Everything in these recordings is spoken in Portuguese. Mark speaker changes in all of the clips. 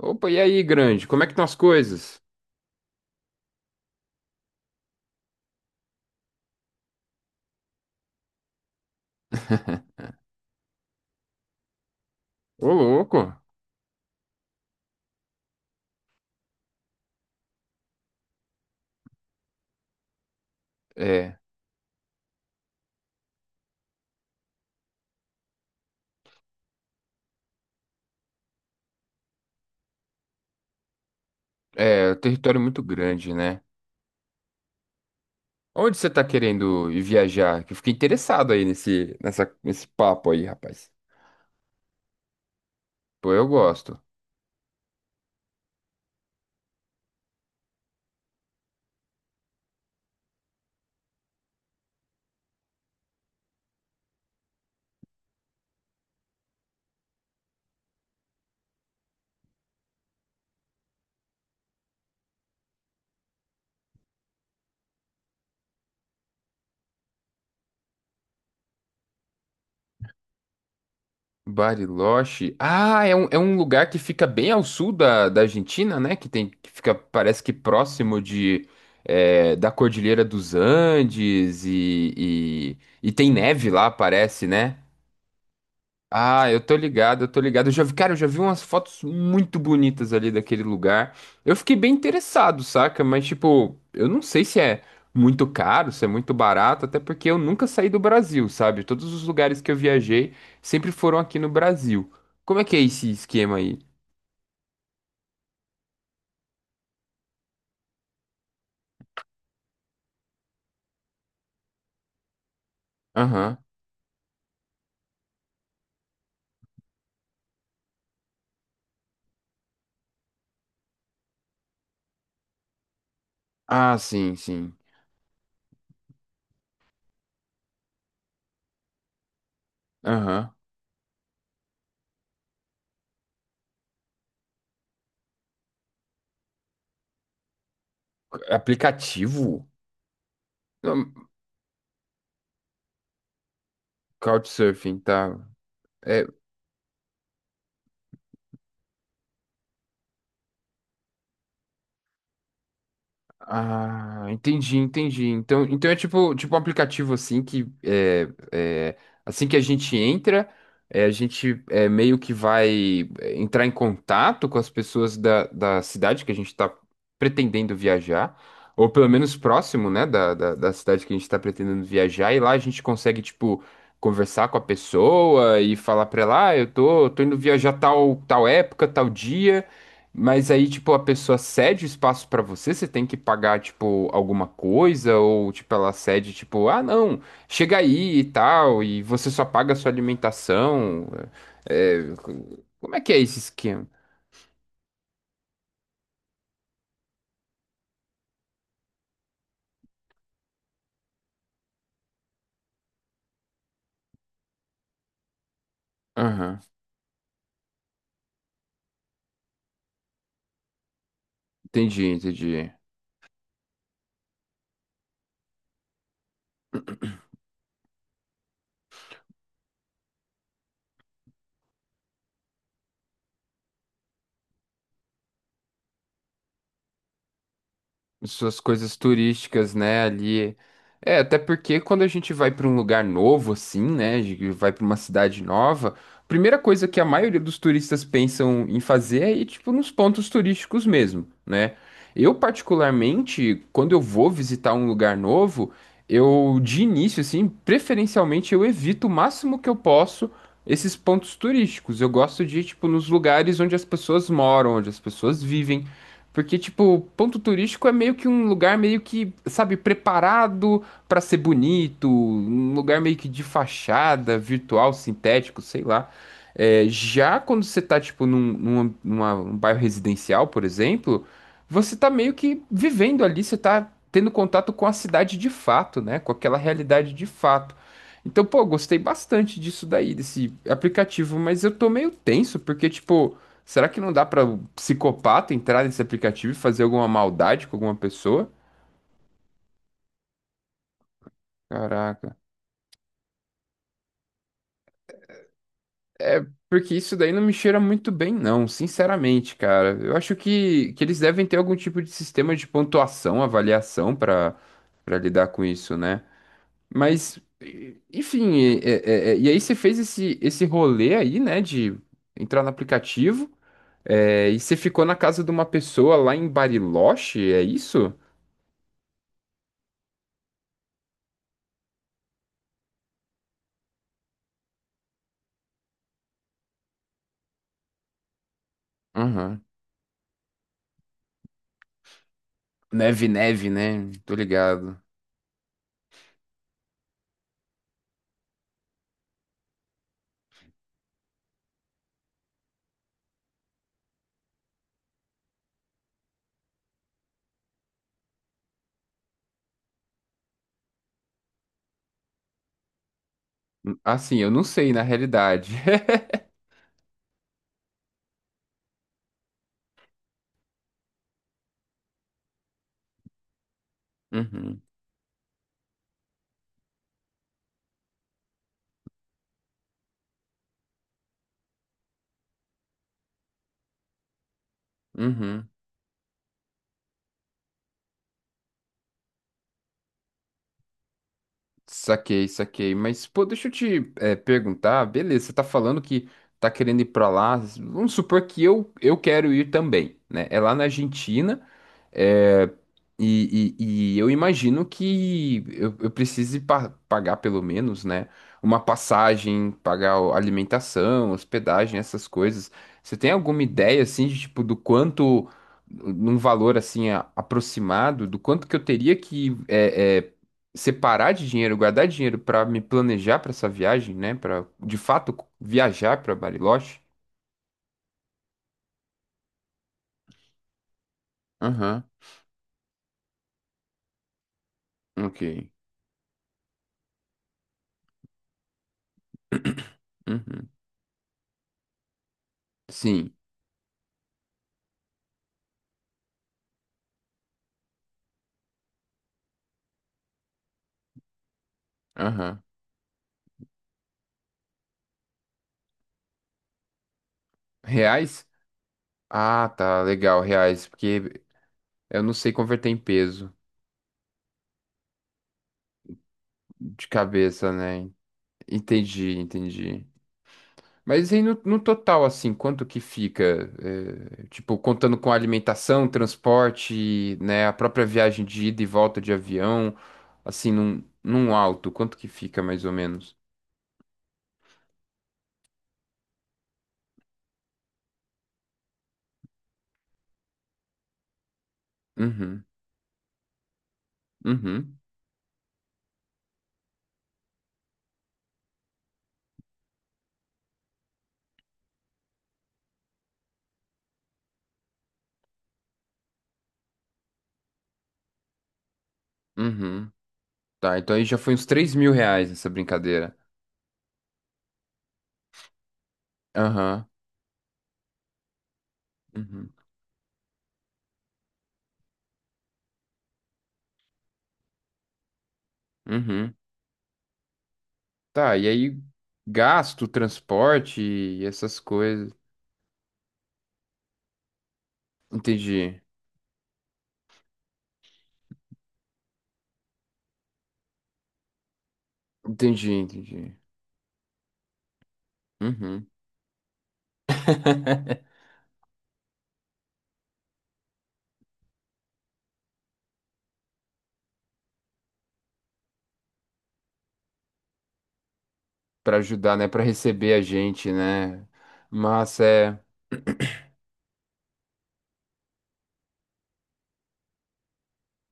Speaker 1: Opa, e aí, grande? Como é que estão as coisas? Ô, louco. É, é, o território é muito grande, né? Onde você tá querendo ir viajar? Que eu fiquei interessado aí nesse papo aí, rapaz. Pô, eu gosto. Bariloche. Ah, é um lugar que fica bem ao sul da Argentina, né? Que tem, que fica, parece que próximo da Cordilheira dos Andes e tem neve lá, parece, né? Ah, eu tô ligado, eu tô ligado. Eu já vi, cara, eu já vi umas fotos muito bonitas ali daquele lugar. Eu fiquei bem interessado, saca? Mas, tipo, eu não sei se é muito caro, se é muito barato, até porque eu nunca saí do Brasil, sabe? Todos os lugares que eu viajei sempre foram aqui no Brasil. Como é que é esse esquema aí? Aham. Ah, sim, sim. Aham. Aplicativo? Não, Couchsurfing, tá. É, ah, entendi, entendi. Então, é tipo um aplicativo assim que assim que a gente entra, a gente meio que vai entrar em contato com as pessoas da cidade que a gente está pretendendo viajar, ou pelo menos próximo, né, da cidade que a gente está pretendendo viajar, e lá a gente consegue, tipo, conversar com a pessoa e falar para ela, ah, eu tô indo viajar tal, tal época, tal dia. Mas aí, tipo, a pessoa cede o espaço pra você, você tem que pagar, tipo, alguma coisa, ou, tipo, ela cede, tipo, ah, não, chega aí e tal, e você só paga a sua alimentação. É, é, como é que é esse esquema? Aham, entendi, entendi. Suas coisas turísticas, né, ali. É, até porque quando a gente vai para um lugar novo assim, né, a gente vai para uma cidade nova, a primeira coisa que a maioria dos turistas pensam em fazer é ir tipo nos pontos turísticos mesmo, né? Eu particularmente, quando eu vou visitar um lugar novo, eu de início assim, preferencialmente eu evito o máximo que eu posso esses pontos turísticos. Eu gosto de ir tipo nos lugares onde as pessoas moram, onde as pessoas vivem porque, tipo, ponto turístico é meio que um lugar meio que, sabe, preparado pra ser bonito, um lugar meio que de fachada, virtual, sintético, sei lá. É, já quando você tá, tipo, um bairro residencial, por exemplo, você tá meio que vivendo ali, você tá tendo contato com a cidade de fato, né? Com aquela realidade de fato. Então, pô, gostei bastante disso daí, desse aplicativo, mas eu tô meio tenso, porque, tipo. Será que não dá pra o psicopata entrar nesse aplicativo e fazer alguma maldade com alguma pessoa? Caraca. Porque isso daí não me cheira muito bem, não, sinceramente, cara. Eu acho que eles devem ter algum tipo de sistema de pontuação, avaliação pra para lidar com isso, né? Mas, enfim, e aí você fez esse rolê aí, né, de entrar no aplicativo, e você ficou na casa de uma pessoa lá em Bariloche, é isso? Aham. Neve, neve, né? Tô ligado. Assim, eu não sei, na realidade. Uhum, uhum. Saquei, saquei. Mas, pô, deixa eu te perguntar. Beleza, você tá falando que tá querendo ir pra lá. Vamos supor que eu quero ir também, né? É lá na Argentina. É, e eu imagino que eu precise pagar pelo menos, né, uma passagem, pagar alimentação, hospedagem, essas coisas. Você tem alguma ideia, assim, de, tipo, do quanto, num valor, assim, aproximado, do quanto que eu teria que separar de dinheiro, guardar dinheiro para me planejar para essa viagem, né, para, de fato, viajar para Bariloche? Aham, ok. Uhum. Sim, aham. Reais? Ah, tá, legal, reais, porque eu não sei converter em peso de cabeça, né? Entendi, entendi. Mas e no total, assim, quanto que fica? Tipo, contando com alimentação, transporte, né? A própria viagem de ida e volta de avião, assim, num alto, quanto que fica mais ou menos? Uhum, uhum, uhum. Tá, então aí já foi uns R$ 3.000 essa brincadeira. Aham, uhum, uhum. Tá, e aí gasto, transporte e essas coisas. Entendi. Entendi, entendi. Uhum. Para ajudar, né? Para receber a gente, né? Mas é.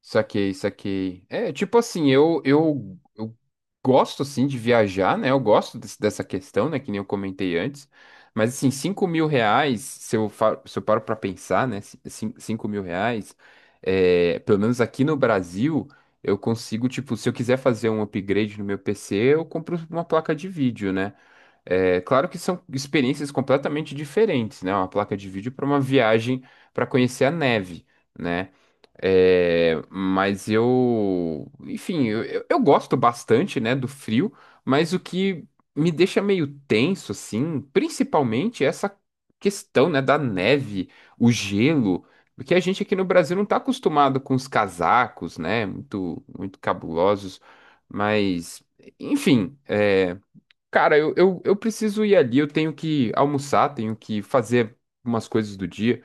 Speaker 1: Saquei, saquei. É, tipo assim, eu gosto, assim, de viajar, né? Eu gosto dessa questão, né? Que nem eu comentei antes. Mas, assim, R$ 5.000, se eu paro pra pensar, né? 5 mil reais, pelo menos aqui no Brasil, eu consigo, tipo, se eu quiser fazer um upgrade no meu PC, eu compro uma placa de vídeo, né? É, claro que são experiências completamente diferentes, né? Uma placa de vídeo para uma viagem para conhecer a neve, né? É, mas eu, enfim, eu gosto bastante, né, do frio, mas o que me deixa meio tenso, assim, principalmente é essa questão, né, da neve, o gelo, porque a gente aqui no Brasil não está acostumado com os casacos, né, muito, muito cabulosos, mas, enfim. Cara, eu preciso ir ali, eu tenho que almoçar, tenho que fazer umas coisas do dia.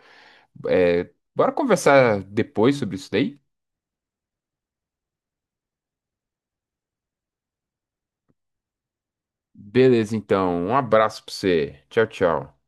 Speaker 1: É, bora conversar depois sobre isso daí? Beleza, então. Um abraço pra você. Tchau, tchau.